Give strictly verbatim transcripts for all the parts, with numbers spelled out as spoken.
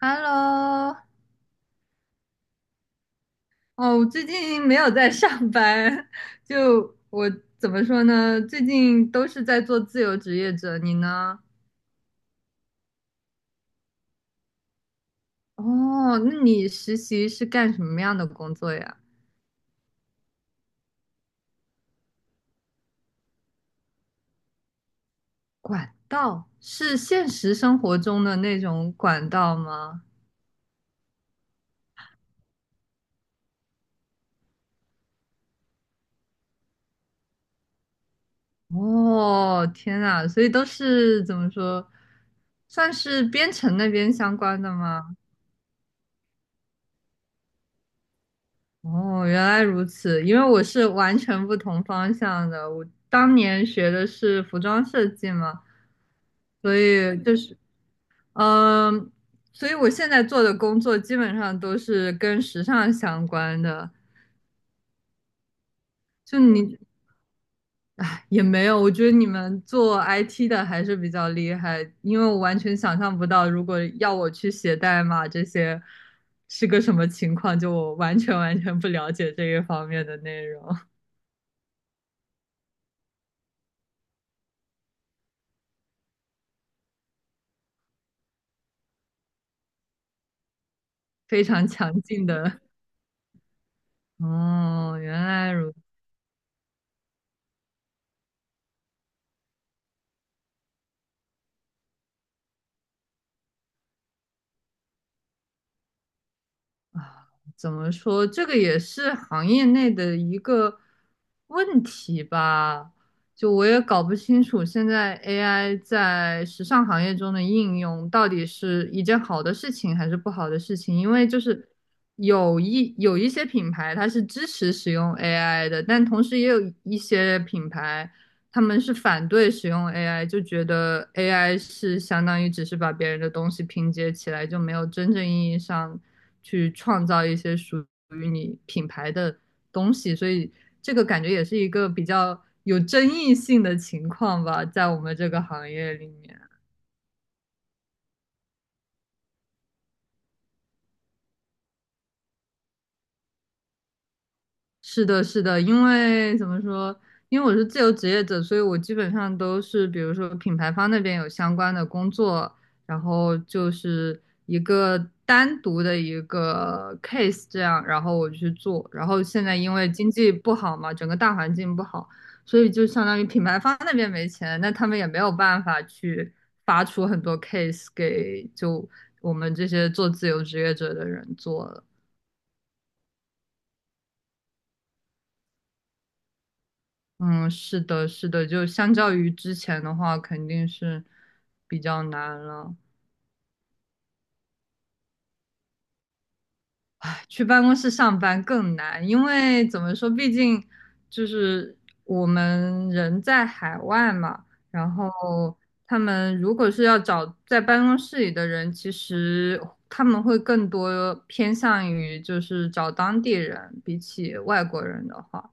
Hello，哦，我最近没有在上班，就我怎么说呢？最近都是在做自由职业者，你呢？哦，那你实习是干什么样的工作呀？管道，是现实生活中的那种管道吗？哦，天呐，所以都是怎么说，算是编程那边相关的吗？哦，原来如此，因为我是完全不同方向的。我当年学的是服装设计嘛，所以就是，嗯，所以我现在做的工作基本上都是跟时尚相关的。就你，哎，也没有，我觉得你们做 I T 的还是比较厉害，因为我完全想象不到，如果要我去写代码这些是个什么情况，就我完全完全不了解这一方面的内容。非常强劲的。哦，原来如啊，怎么说？这个也是行业内的一个问题吧。就我也搞不清楚，现在 A I 在时尚行业中的应用到底是一件好的事情还是不好的事情？因为就是有一有一些品牌它是支持使用 A I 的，但同时也有一些品牌他们是反对使用 A I，就觉得 A I 是相当于只是把别人的东西拼接起来，就没有真正意义上去创造一些属于你品牌的东西，所以这个感觉也是一个比较有争议性的情况吧，在我们这个行业里面。是的，是的，因为怎么说？因为我是自由职业者，所以我基本上都是，比如说品牌方那边有相关的工作，然后就是一个单独的一个 case 这样，然后我去做。然后现在因为经济不好嘛，整个大环境不好，所以就相当于品牌方那边没钱，那他们也没有办法去发出很多 case 给就我们这些做自由职业者的人做了。嗯，是的，是的，就相较于之前的话，肯定是比较难了。去办公室上班更难，因为怎么说，毕竟就是我们人在海外嘛，然后他们如果是要找在办公室里的人，其实他们会更多偏向于就是找当地人，比起外国人的话。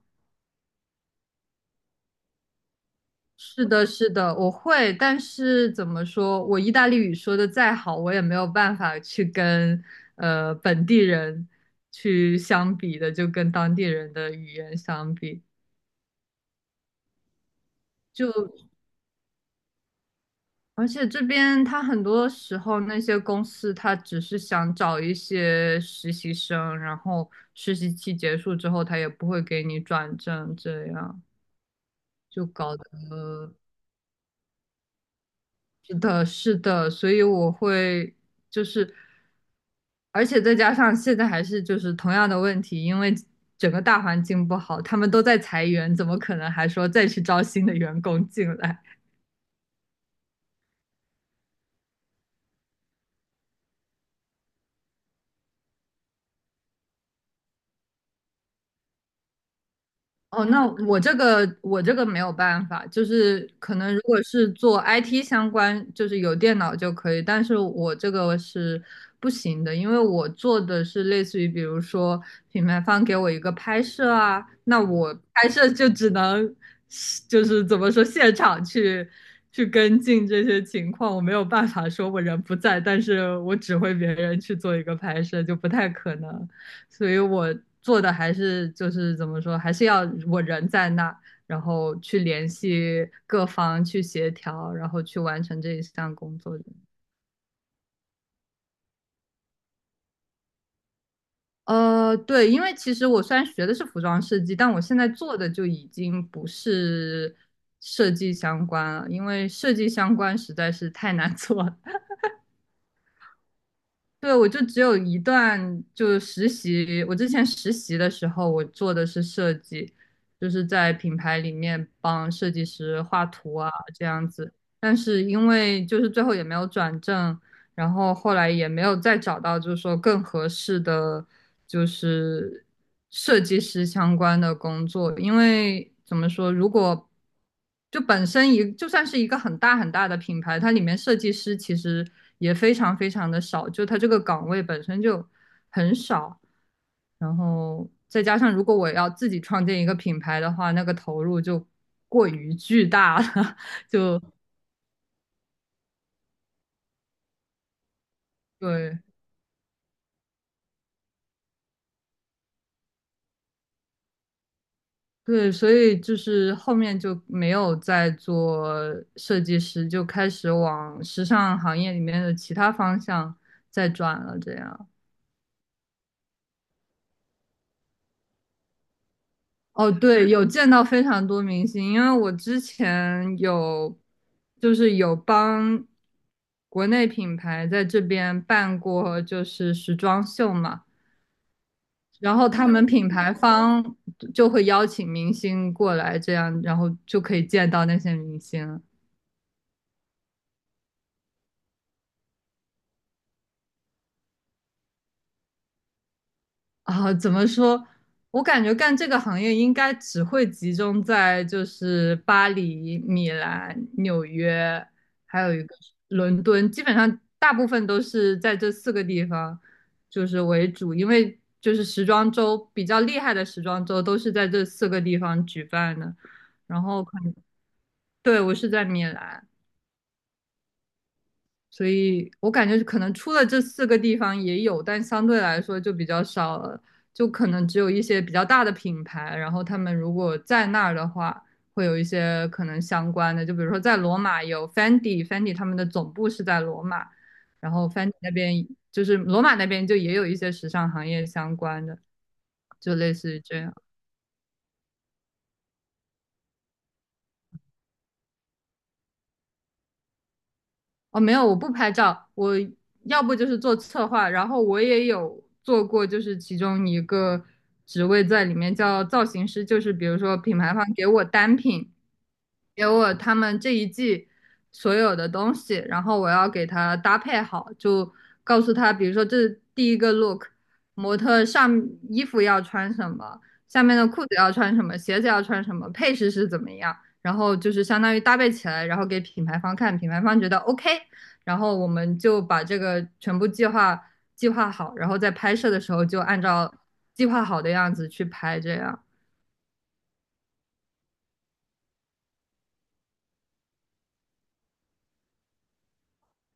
是的，是的，我会，但是怎么说，我意大利语说的再好，我也没有办法去跟呃本地人去相比的，就跟当地人的语言相比，就而且这边他很多时候那些公司他只是想找一些实习生，然后实习期结束之后，他也不会给你转正，这样就搞得。是的，是的，所以我会就是，而且再加上现在还是就是同样的问题，因为整个大环境不好，他们都在裁员，怎么可能还说再去招新的员工进来？哦，那我这个我这个没有办法，就是可能如果是做 I T 相关，就是有电脑就可以，但是我这个是不行的，因为我做的是类似于，比如说品牌方给我一个拍摄啊，那我拍摄就只能就是怎么说现场去去跟进这些情况，我没有办法说我人不在，但是我指挥别人去做一个拍摄，就不太可能。所以我做的还是就是怎么说，还是要我人在那，然后去联系各方去协调，然后去完成这一项工作。呃，对，因为其实我虽然学的是服装设计，但我现在做的就已经不是设计相关了，因为设计相关实在是太难做了。对，我就只有一段，就实习。我之前实习的时候，我做的是设计，就是在品牌里面帮设计师画图啊，这样子。但是因为就是最后也没有转正，然后后来也没有再找到就是说更合适的就是设计师相关的工作，因为怎么说，如果就本身一就算是一个很大很大的品牌，它里面设计师其实也非常非常的少，就它这个岗位本身就很少，然后再加上如果我要自己创建一个品牌的话，那个投入就过于巨大了，对。对，所以就是后面就没有再做设计师，就开始往时尚行业里面的其他方向再转了。这样，哦，对，有见到非常多明星，因为我之前有就是有帮国内品牌在这边办过就是时装秀嘛，然后他们品牌方就会邀请明星过来，这样然后就可以见到那些明星。啊，怎么说？我感觉干这个行业应该只会集中在就是巴黎、米兰、纽约，还有一个是伦敦，基本上大部分都是在这四个地方就是为主，因为就是时装周比较厉害的时装周都是在这四个地方举办的，然后可能对我是在米兰。所以我感觉可能除了这四个地方也有，但相对来说就比较少了，就可能只有一些比较大的品牌，然后他们如果在那儿的话，会有一些可能相关的，就比如说在罗马有 Fendi，Fendi 他们的总部是在罗马，然后 Fendi 那边就是罗马那边就也有一些时尚行业相关的，就类似于这样。哦，没有，我不拍照，我要不就是做策划，然后我也有做过，就是其中一个职位在里面叫造型师，就是比如说品牌方给我单品，给我他们这一季所有的东西，然后我要给他搭配好，就告诉他，比如说这是第一个 look，模特上衣服要穿什么，下面的裤子要穿什么，鞋子要穿什么，配饰是怎么样，然后就是相当于搭配起来，然后给品牌方看，品牌方觉得 OK，然后我们就把这个全部计划计划好，然后在拍摄的时候就按照计划好的样子去拍，这样。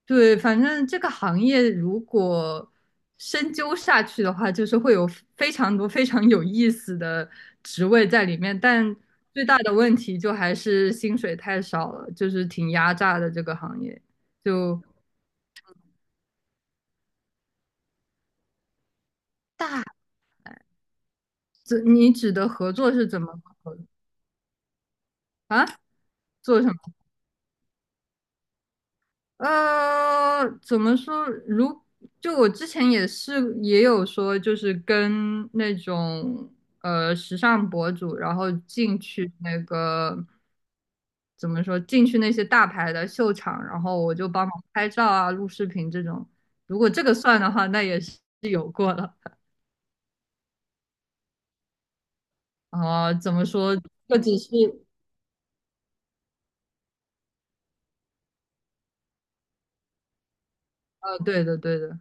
对，反正这个行业如果深究下去的话，就是会有非常多非常有意思的职位在里面，但最大的问题就还是薪水太少了，就是挺压榨的这个行业。就大，这你指的合作是怎么合作啊？做什么？呃，怎么说？如就我之前也是也有说，就是跟那种呃时尚博主，然后进去那个怎么说，进去那些大牌的秀场，然后我就帮忙拍照啊、录视频这种。如果这个算的话，那也是有过了。啊、怎么说？这只是呃，对的，对的。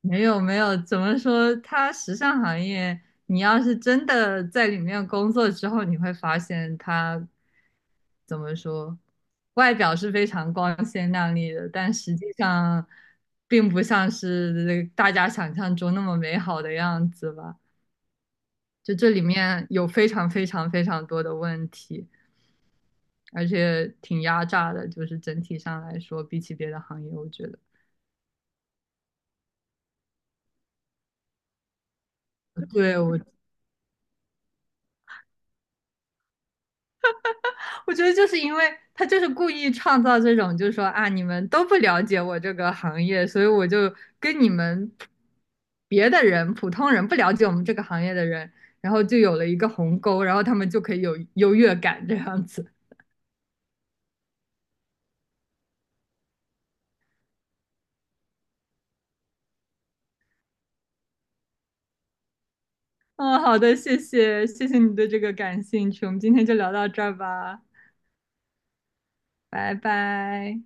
没有，没有，怎么说？它时尚行业，你要是真的在里面工作之后，你会发现它怎么说，外表是非常光鲜亮丽的，但实际上并不像是大家想象中那么美好的样子吧。就这里面有非常非常非常多的问题，而且挺压榨的，就是整体上来说，比起别的行业，我觉得。对，我我觉得就是因为他就是故意创造这种，就是说啊，你们都不了解我这个行业，所以我就跟你们别的人、普通人不了解我们这个行业的人，然后就有了一个鸿沟，然后他们就可以有优越感这样子。嗯，好的，谢谢，谢谢你对这个感兴趣，我们今天就聊到这儿吧，拜拜。